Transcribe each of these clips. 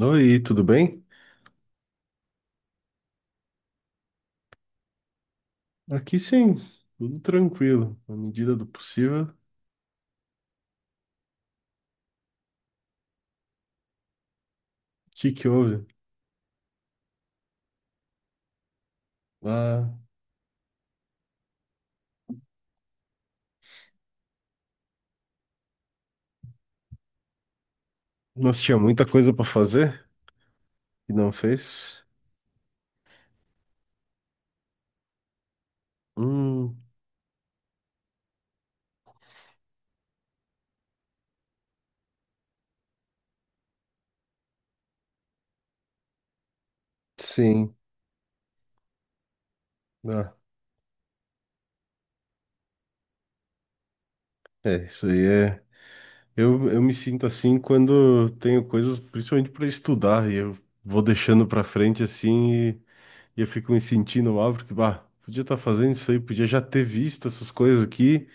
Oi, tudo bem? Aqui sim, tudo tranquilo, na medida do possível. O que que houve? Ah, nós tinha muita coisa para fazer e não fez? Hum, sim. Ah, é, isso aí é. Eu me sinto assim quando tenho coisas, principalmente para estudar, e eu vou deixando para frente assim e, eu fico me sentindo mal, porque, bah, podia estar fazendo isso aí, podia já ter visto essas coisas aqui.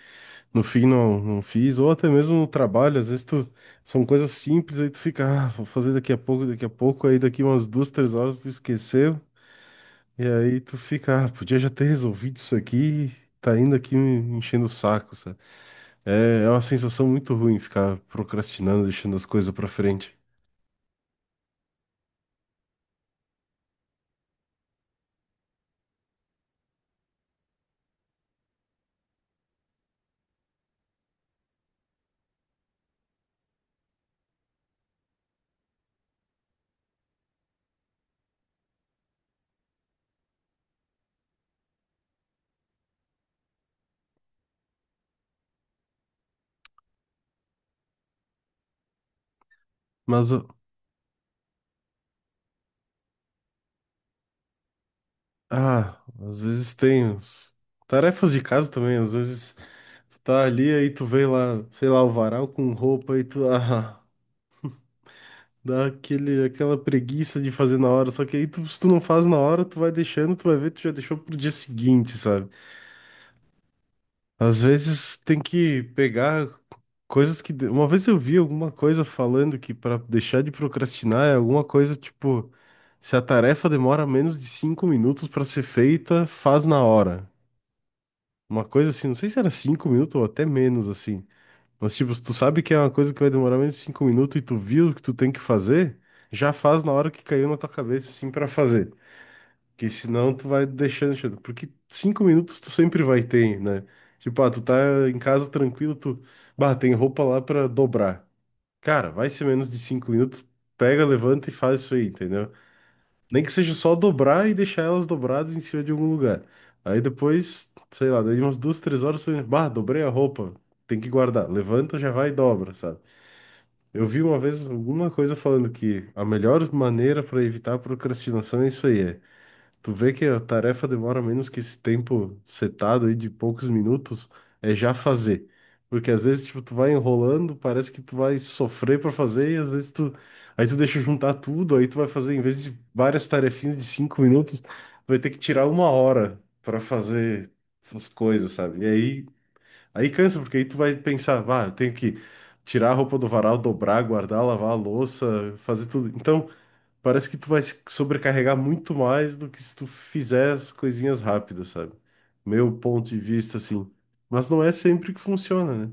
No fim não, não fiz, ou até mesmo no trabalho, às vezes tu, são coisas simples, aí tu fica, ah, vou fazer daqui a pouco, aí daqui umas 2, 3 horas tu esqueceu, e aí tu fica, ah, podia já ter resolvido isso aqui, tá ainda aqui me enchendo o saco, sabe? É, é uma sensação muito ruim ficar procrastinando, deixando as coisas pra frente. Mas, ah, às vezes tem tarefas de casa também, às vezes tu tá ali, aí tu vê lá, sei lá, o varal com roupa, e tu, ah. Dá aquele, aquela preguiça de fazer na hora, só que aí tu, se tu não faz na hora, tu vai deixando, tu vai ver, tu já deixou pro dia seguinte, sabe? Às vezes tem que pegar coisas que. Uma vez eu vi alguma coisa falando que pra deixar de procrastinar é alguma coisa tipo: se a tarefa demora menos de 5 minutos pra ser feita, faz na hora. Uma coisa assim, não sei se era 5 minutos ou até menos, assim. Mas, tipo, se tu sabe que é uma coisa que vai demorar menos de 5 minutos e tu viu o que tu tem que fazer, já faz na hora que caiu na tua cabeça, assim, pra fazer. Porque senão tu vai deixando, deixando. Porque 5 minutos tu sempre vai ter, né? Tipo, ah, tu tá em casa tranquilo, tu... Bah, tem roupa lá pra dobrar. Cara, vai ser menos de 5 minutos, pega, levanta e faz isso aí, entendeu? Nem que seja só dobrar e deixar elas dobradas em cima de algum lugar. Aí depois, sei lá, daí umas 2, 3 horas, tu... Bah, dobrei a roupa, tem que guardar. Levanta, já vai e dobra, sabe? Eu vi uma vez alguma coisa falando que a melhor maneira para evitar a procrastinação é isso aí, é. Tu vê que a tarefa demora menos que esse tempo setado aí de poucos minutos, é já fazer. Porque às vezes, tipo, tu vai enrolando, parece que tu vai sofrer para fazer, e às vezes tu. Aí tu deixa juntar tudo, aí tu vai fazer, em vez de várias tarefinhas de 5 minutos, vai ter que tirar 1 hora para fazer as coisas, sabe? E aí aí cansa, porque aí tu vai pensar, ah, eu tenho que tirar a roupa do varal, dobrar, guardar, lavar a louça, fazer tudo. Então, parece que tu vai se sobrecarregar muito mais do que se tu fizer as coisinhas rápidas, sabe? Meu ponto de vista, assim. Mas não é sempre que funciona, né?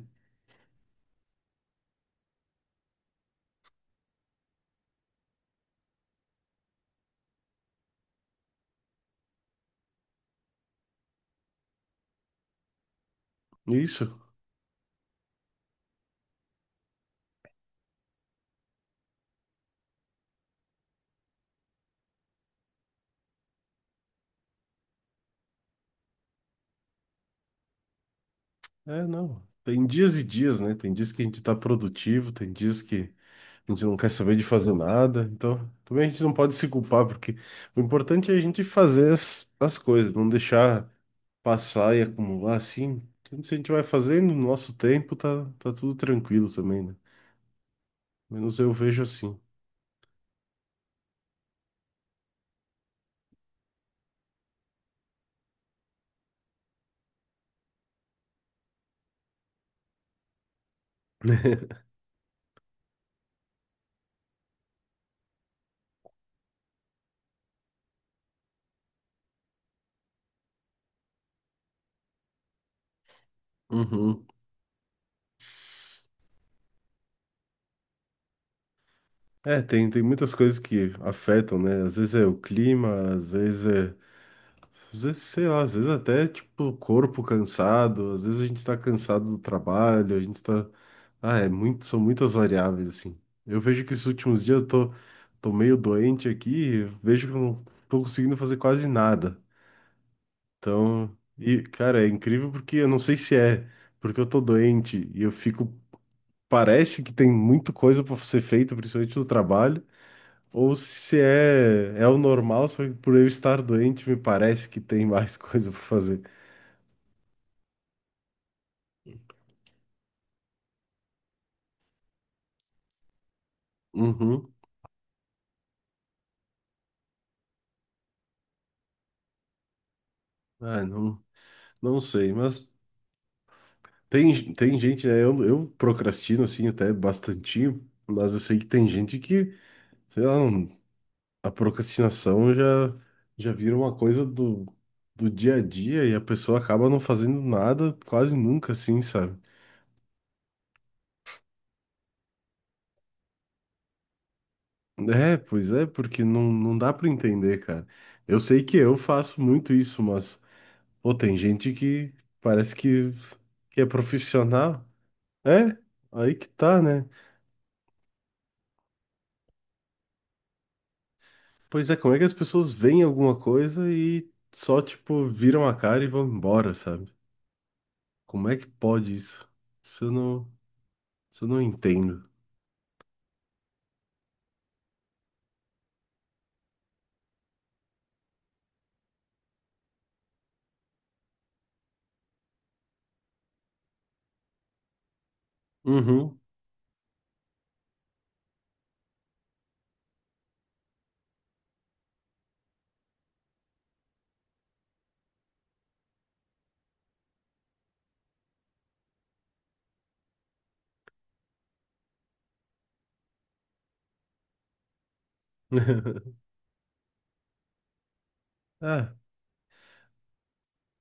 Isso. É, não. Tem dias e dias, né? Tem dias que a gente tá produtivo, tem dias que a gente não quer saber de fazer nada. Então, também a gente não pode se culpar, porque o importante é a gente fazer as coisas, não deixar passar e acumular assim, tudo isso a gente vai fazendo no nosso tempo, tá, tá tudo tranquilo também, né? Menos eu vejo assim. Uhum. É, tem muitas coisas que afetam, né? Às vezes é o clima, às vezes é. Às vezes, sei lá, às vezes até tipo o corpo cansado, às vezes a gente tá cansado do trabalho, a gente tá. Ah, é muito, são muitas variáveis, assim. Eu vejo que esses últimos dias eu tô, meio doente aqui, vejo que eu não tô conseguindo fazer quase nada. Então, e cara, é incrível porque eu não sei se é porque eu tô doente e eu fico, parece que tem muita coisa pra ser feita, principalmente no trabalho, ou se é o normal, só que por eu estar doente me parece que tem mais coisa pra fazer. Uhum. Ah, não, não sei, mas tem gente, né? Eu procrastino assim até bastantinho, mas eu sei que tem gente que, sei lá, não, a procrastinação já vira uma coisa do dia a dia e a pessoa acaba não fazendo nada quase nunca, assim, sabe? É, pois é, porque não, não dá pra entender, cara. Eu sei que eu faço muito isso, mas, pô, tem gente que parece que é profissional. É, aí que tá, né? Pois é, como é que as pessoas veem alguma coisa e só, tipo, viram a cara e vão embora, sabe? Como é que pode isso? Isso eu não, isso eu não entendo. Uhum. É,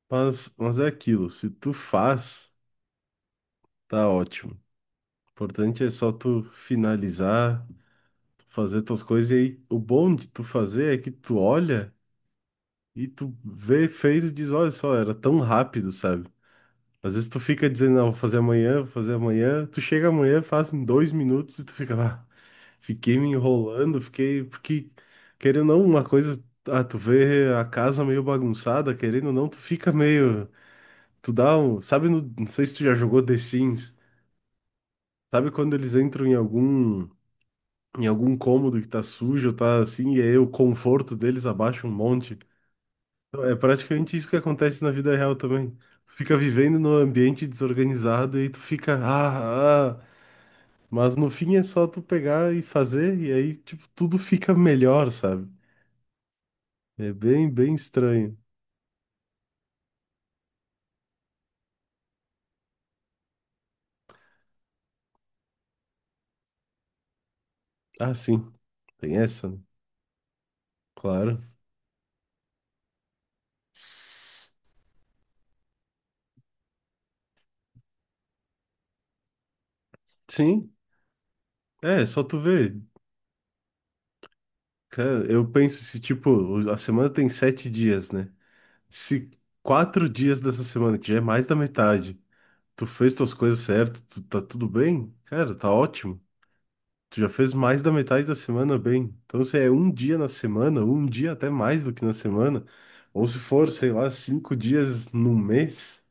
mas é aquilo, se tu faz, tá ótimo. O importante é só tu finalizar, tu fazer tuas coisas e aí o bom de tu fazer é que tu olha e tu vê, fez e diz, olha só, era tão rápido, sabe? Às vezes tu fica dizendo, não, vou fazer amanhã, tu chega amanhã, faz em 2 minutos e tu fica, ah, fiquei me enrolando, fiquei, porque, querendo ou não, uma coisa, ah, tu vê a casa meio bagunçada, querendo ou não, tu fica meio... Tu dá um. Sabe, não sei se tu já jogou The Sims. Sabe quando eles entram em algum. Em algum cômodo que tá sujo, tá assim, e aí o conforto deles abaixa um monte. Então, é praticamente isso que acontece na vida real também. Tu fica vivendo num ambiente desorganizado e aí tu fica, ah, ah. Mas no fim é só tu pegar e fazer, e aí, tipo, tudo fica melhor, sabe? É bem, bem estranho. Ah, sim, tem essa, né? Claro. Sim, é, só tu ver. Cara, eu penso se, tipo, a semana tem 7 dias, né? Se 4 dias dessa semana, que já é mais da metade, tu fez tuas coisas certas, tu, tá tudo bem? Cara, tá ótimo. Tu já fez mais da metade da semana bem. Então, se é um dia na semana, um dia até mais do que na semana, ou se for, sei lá, 5 dias no mês,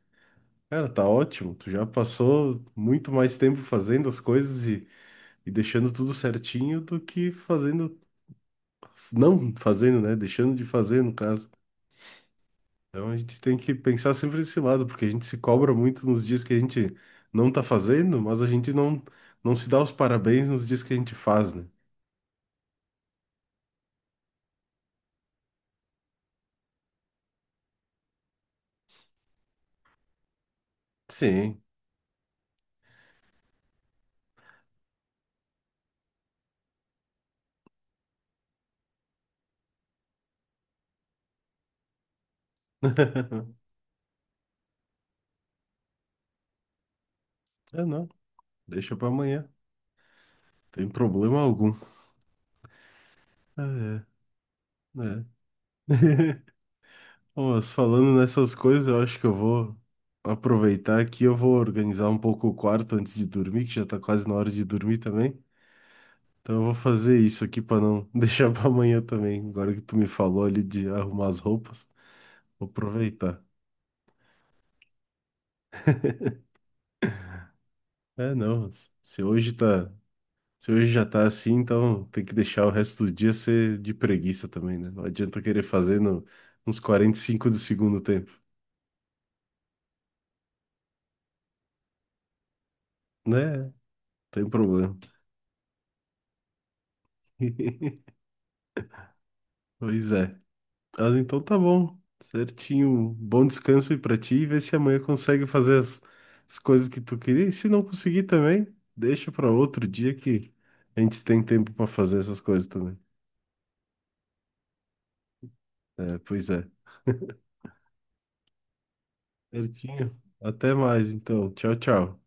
cara, tá ótimo. Tu já passou muito mais tempo fazendo as coisas e deixando tudo certinho do que fazendo, não fazendo, né? Deixando de fazer, no caso. Então a gente tem que pensar sempre nesse lado, porque a gente se cobra muito nos dias que a gente não tá fazendo, mas a gente não, não se dá os parabéns nos dias que a gente faz, né? Sim. É, não. Deixa pra amanhã. Tem problema algum. É, é. Bom, mas falando nessas coisas, eu acho que eu vou aproveitar aqui, eu vou organizar um pouco o quarto antes de dormir, que já tá quase na hora de dormir também. Então eu vou fazer isso aqui pra não deixar pra amanhã também. Agora que tu me falou ali de arrumar as roupas, vou aproveitar. É, não. Se hoje tá, se hoje já tá assim, então tem que deixar o resto do dia ser de preguiça também, né? Não adianta querer fazer no, nos 45 do segundo tempo, né? Tem problema. Pois é. Mas então tá bom. Certinho. Bom descanso aí pra ti e vê se amanhã consegue fazer as, as coisas que tu queria. E se não conseguir também, deixa pra outro dia que a gente tem tempo pra fazer essas coisas também. É, pois é. Certinho. Até mais, então. Tchau, tchau.